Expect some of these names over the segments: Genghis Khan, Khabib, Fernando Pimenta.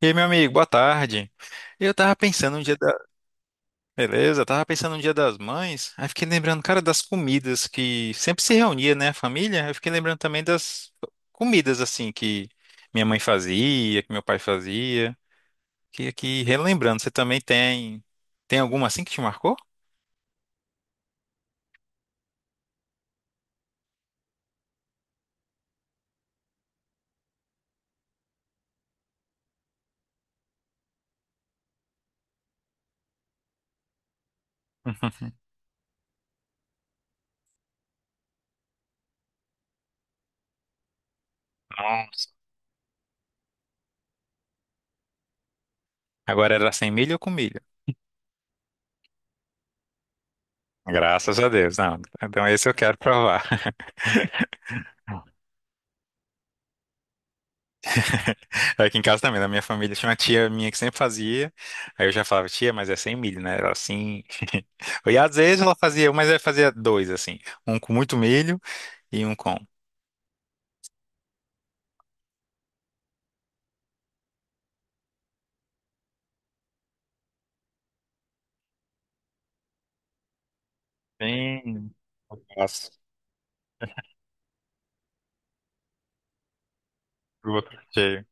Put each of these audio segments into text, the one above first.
E aí, meu amigo, boa tarde. Eu tava pensando um dia da... Beleza, eu tava pensando um dia das mães, aí fiquei lembrando, cara, das comidas que sempre se reunia, né, a família. Eu fiquei lembrando também das comidas, assim, que minha mãe fazia, que meu pai fazia. Que aqui, relembrando, você também tem... Tem alguma assim que te marcou? Nossa. Agora era sem milho ou com milho? Graças a Deus, não. Então esse eu quero provar. Aqui em casa também, na minha família, tinha uma tia minha que sempre fazia. Aí eu já falava, tia, mas é sem milho, né? Ela assim. E às vezes ela fazia, mas ela fazia dois, assim. Um com muito milho e um com. Bem. Nossa, o outro cheio.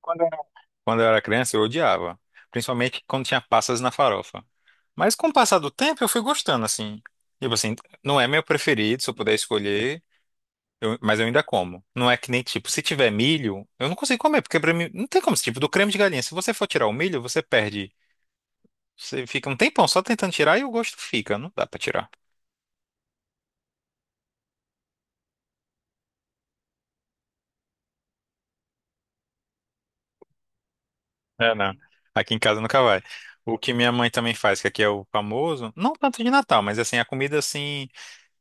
Quando eu era quando eu era criança, eu odiava. Principalmente quando tinha passas na farofa. Mas com o passar do tempo, eu fui gostando, assim. Tipo assim, não é meu preferido, se eu puder escolher. Mas eu ainda como. Não é que nem tipo, se tiver milho, eu não consigo comer, porque pra mim não tem como, tipo, do creme de galinha. Se você for tirar o milho, você perde. Você fica um tempão só tentando tirar e o gosto fica. Não dá pra tirar. É, não. Aqui em casa nunca vai. O que minha mãe também faz, que aqui é o famoso, não tanto de Natal, mas assim, a comida assim,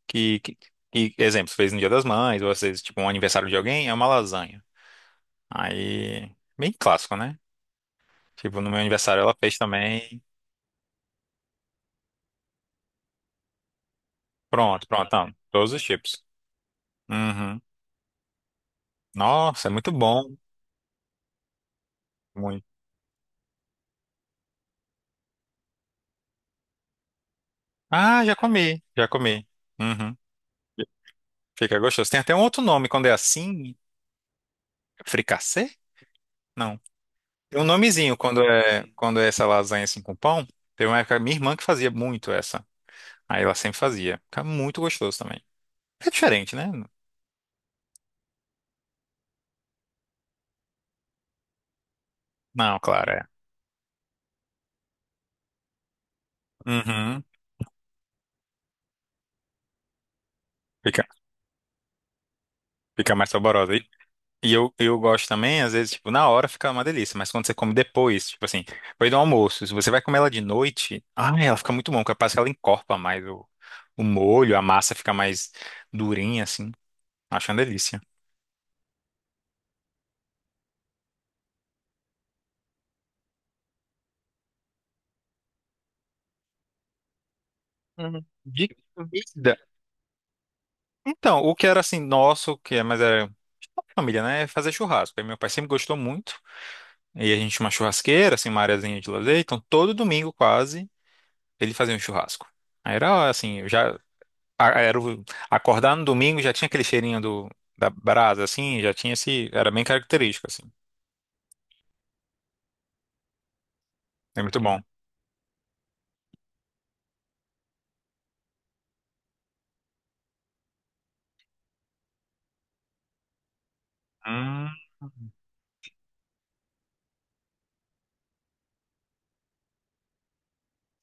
que, que, que, exemplo, fez no Dia das Mães, ou às vezes, tipo, um aniversário de alguém, é uma lasanha. Aí, bem clássico, né? Tipo, no meu aniversário ela fez também. Pronto, pronto, então, todos os tipos. Uhum. Nossa, é muito bom. Muito. Ah, já comi, já comi. Uhum. Fica gostoso. Tem até um outro nome quando é assim, fricassê? Não. Tem um nomezinho quando é essa lasanha assim com pão. Teve uma época minha irmã que fazia muito essa. Aí ela sempre fazia. Fica muito gostoso também. É diferente, né? Não, claro, é. Uhum. Fica, fica mais saborosa. E eu gosto também, às vezes, tipo, na hora fica uma delícia, mas quando você come depois, tipo assim, depois do almoço, se você vai comer ela de noite, ai, ela fica muito bom, porque parece que ela encorpa mais o molho, a massa fica mais durinha, assim. Acho uma delícia. Uhum. De comida. Então, o que era assim, nosso, que é, mas era família, né? É fazer churrasco. Aí meu pai sempre gostou muito. E a gente tinha uma churrasqueira, assim, uma areazinha de lazer. Então, todo domingo quase, ele fazia um churrasco. Aí era assim, já. a- era o- Acordar no domingo já tinha aquele cheirinho do, da brasa, assim, já tinha esse. Era bem característico, assim. É muito bom. Hum,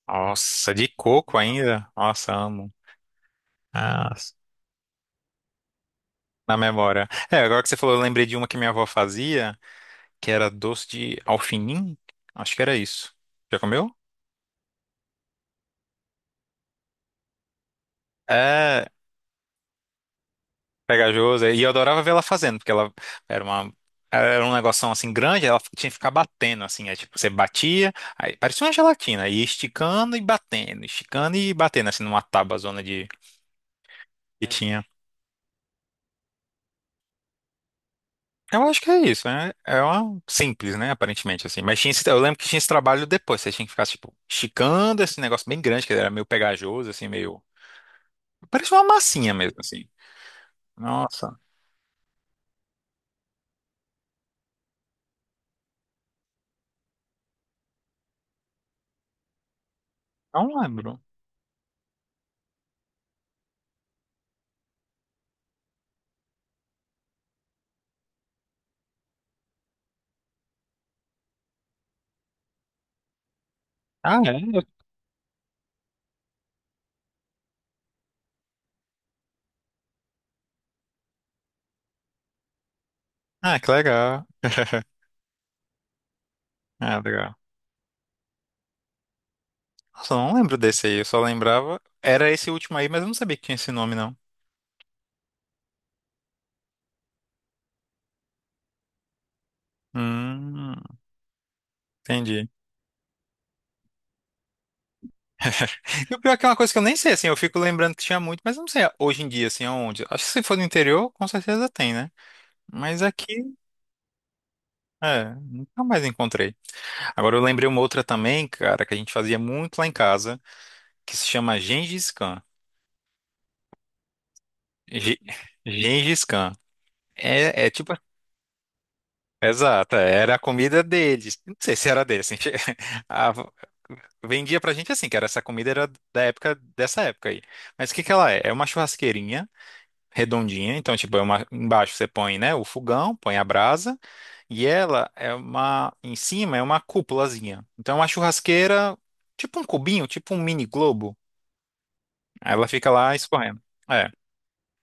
nossa, de coco ainda? Nossa, amo. Nossa, na memória. É, agora que você falou, eu lembrei de uma que minha avó fazia, que era doce de alfinim. Acho que era isso. Já comeu? É, pegajoso. E eu adorava ver ela fazendo, porque ela era uma. Ela era um negocinho assim grande, ela tinha que ficar batendo, assim. É tipo, você batia, aí parecia uma gelatina, e esticando e batendo, assim, numa tábua zona de que tinha. Eu acho que é isso, né? É uma simples, né? Aparentemente, assim. Mas tinha esse- eu lembro que tinha esse trabalho depois, você tinha que ficar, tipo, esticando esse negócio bem grande, que era meio pegajoso, assim, meio. Parecia uma massinha mesmo, assim. Nossa, não lembro. Ah, é? Ah, que legal. Ah, legal. Nossa, eu não lembro desse aí, eu só lembrava. Era esse último aí, mas eu não sabia que tinha esse nome, não. Hum, entendi. E o pior é que é uma coisa que eu nem sei, assim, eu fico lembrando que tinha muito, mas eu não sei hoje em dia, assim, aonde. Acho que se for no interior, com certeza tem, né? Mas aqui, é, nunca mais encontrei. Agora eu lembrei uma outra também, cara, que a gente fazia muito lá em casa, que se chama Gengis Khan. Ge- Gengis Khan. É, é tipo. Exato, é, era a comida deles. Não sei se era deles. Assim, a- vendia pra gente assim, que era essa comida era da época dessa época aí. Mas o que que ela é? É uma churrasqueirinha redondinha, então tipo, é uma embaixo você põe, né, o fogão, põe a brasa e ela é uma em cima é uma cúpulazinha. Então é uma churrasqueira, tipo um cubinho, tipo um mini globo. Aí ela fica lá escorrendo. É.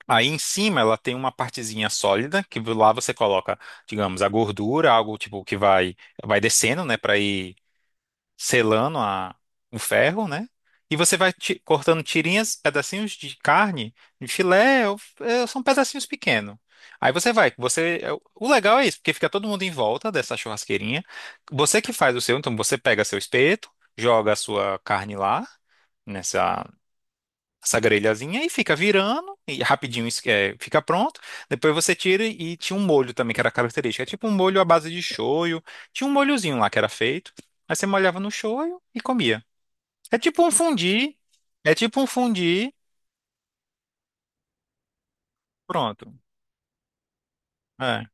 Aí em cima ela tem uma partezinha sólida que lá você coloca, digamos, a gordura, algo tipo que vai descendo, né, para ir selando o ferro, né? E você vai cortando tirinhas, pedacinhos de carne, de filé, são pedacinhos pequenos. Aí você vai, você é, o legal é isso, porque fica todo mundo em volta dessa churrasqueirinha. Você que faz o seu, então você pega seu espeto, joga a sua carne lá nessa essa grelhazinha e fica virando e rapidinho isso, é, fica pronto. Depois você tira e tinha um molho também que era característico. É tipo um molho à base de shoyu. Tinha um molhozinho lá que era feito. Aí você molhava no shoyu e comia. É tipo um fundi. É tipo um fundi. Pronto. É.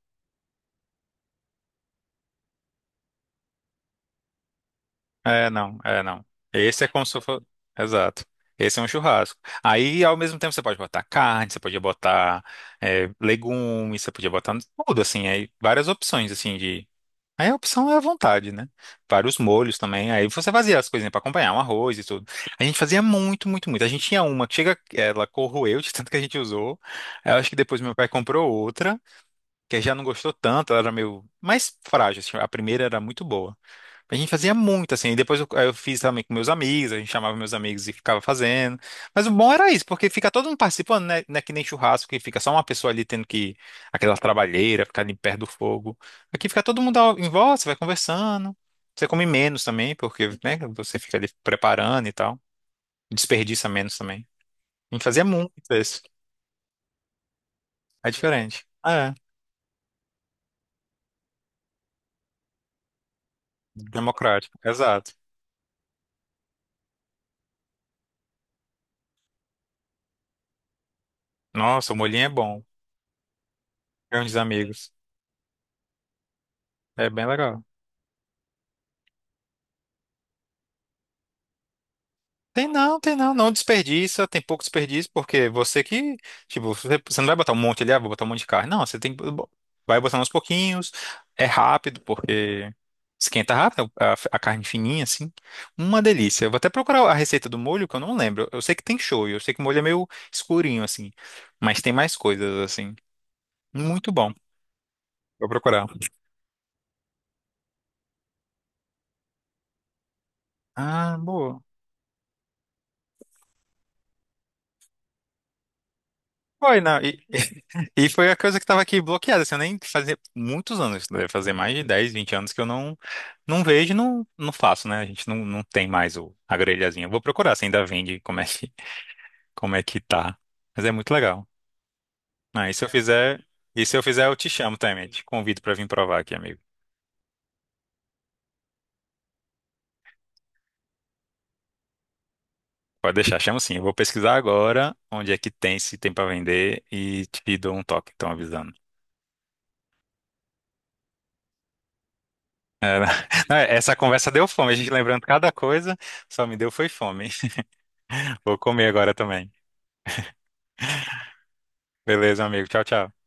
É, não. Esse é como se fosse. Exato. Esse é um churrasco. Aí, ao mesmo tempo, você pode botar carne, você podia botar é, legumes, você podia botar tudo, assim, aí várias opções, assim, de. Aí a opção é à vontade, né? Vários molhos também. Aí você fazia as coisinhas pra acompanhar, um arroz e tudo. A gente fazia muito, muito, muito. A gente tinha uma que chega, ela corroeu de tanto que a gente usou. Eu acho que depois meu pai comprou outra, que já não gostou tanto, ela era meio mais frágil. Assim, a primeira era muito boa. A gente fazia muito, assim, e depois eu fiz também com meus amigos, a gente chamava meus amigos e ficava fazendo. Mas o bom era isso, porque fica todo mundo participando, né? Não é que nem churrasco, que fica só uma pessoa ali tendo que, aquela trabalheira, ficar ali perto do fogo. Aqui fica todo mundo em volta, você vai conversando. Você come menos também, porque, né, você fica ali preparando e tal. Desperdiça menos também. A gente fazia muito isso. É diferente. É, democrático, exato. Nossa, o molhinho é bom. Reúne os amigos. É bem legal. Tem não, não desperdiça, tem pouco desperdício, porque você que, tipo, você, você não vai botar um monte ali, ah, vou botar um monte de carne. Não, você tem que, vai botar uns pouquinhos, é rápido, porque esquenta rápido, a carne fininha, assim. Uma delícia. Eu vou até procurar a receita do molho, que eu não lembro. Eu sei que tem shoyu, eu sei que o molho é meio escurinho, assim, mas tem mais coisas, assim. Muito bom, vou procurar. Ah, boa. Foi, não. E, e foi a coisa que estava aqui bloqueada. Assim, eu nem fazia muitos anos, deve fazer mais de 10 20 anos que eu não, não vejo e não faço, né? A gente não tem mais a grelhazinha. Eu vou procurar se ainda vende, como é que, como é que tá. Mas é muito legal. Ah, e se eu fizer, e se eu fizer, eu te chamo também. Te convido para vir provar aqui, amigo. Pode deixar, chamo sim. Eu vou pesquisar agora onde é que tem, se tem para vender e te dou um toque, então avisando. É, não, essa conversa deu fome, a gente lembrando cada coisa, só me deu foi fome. Vou comer agora também. Beleza, amigo. Tchau, tchau.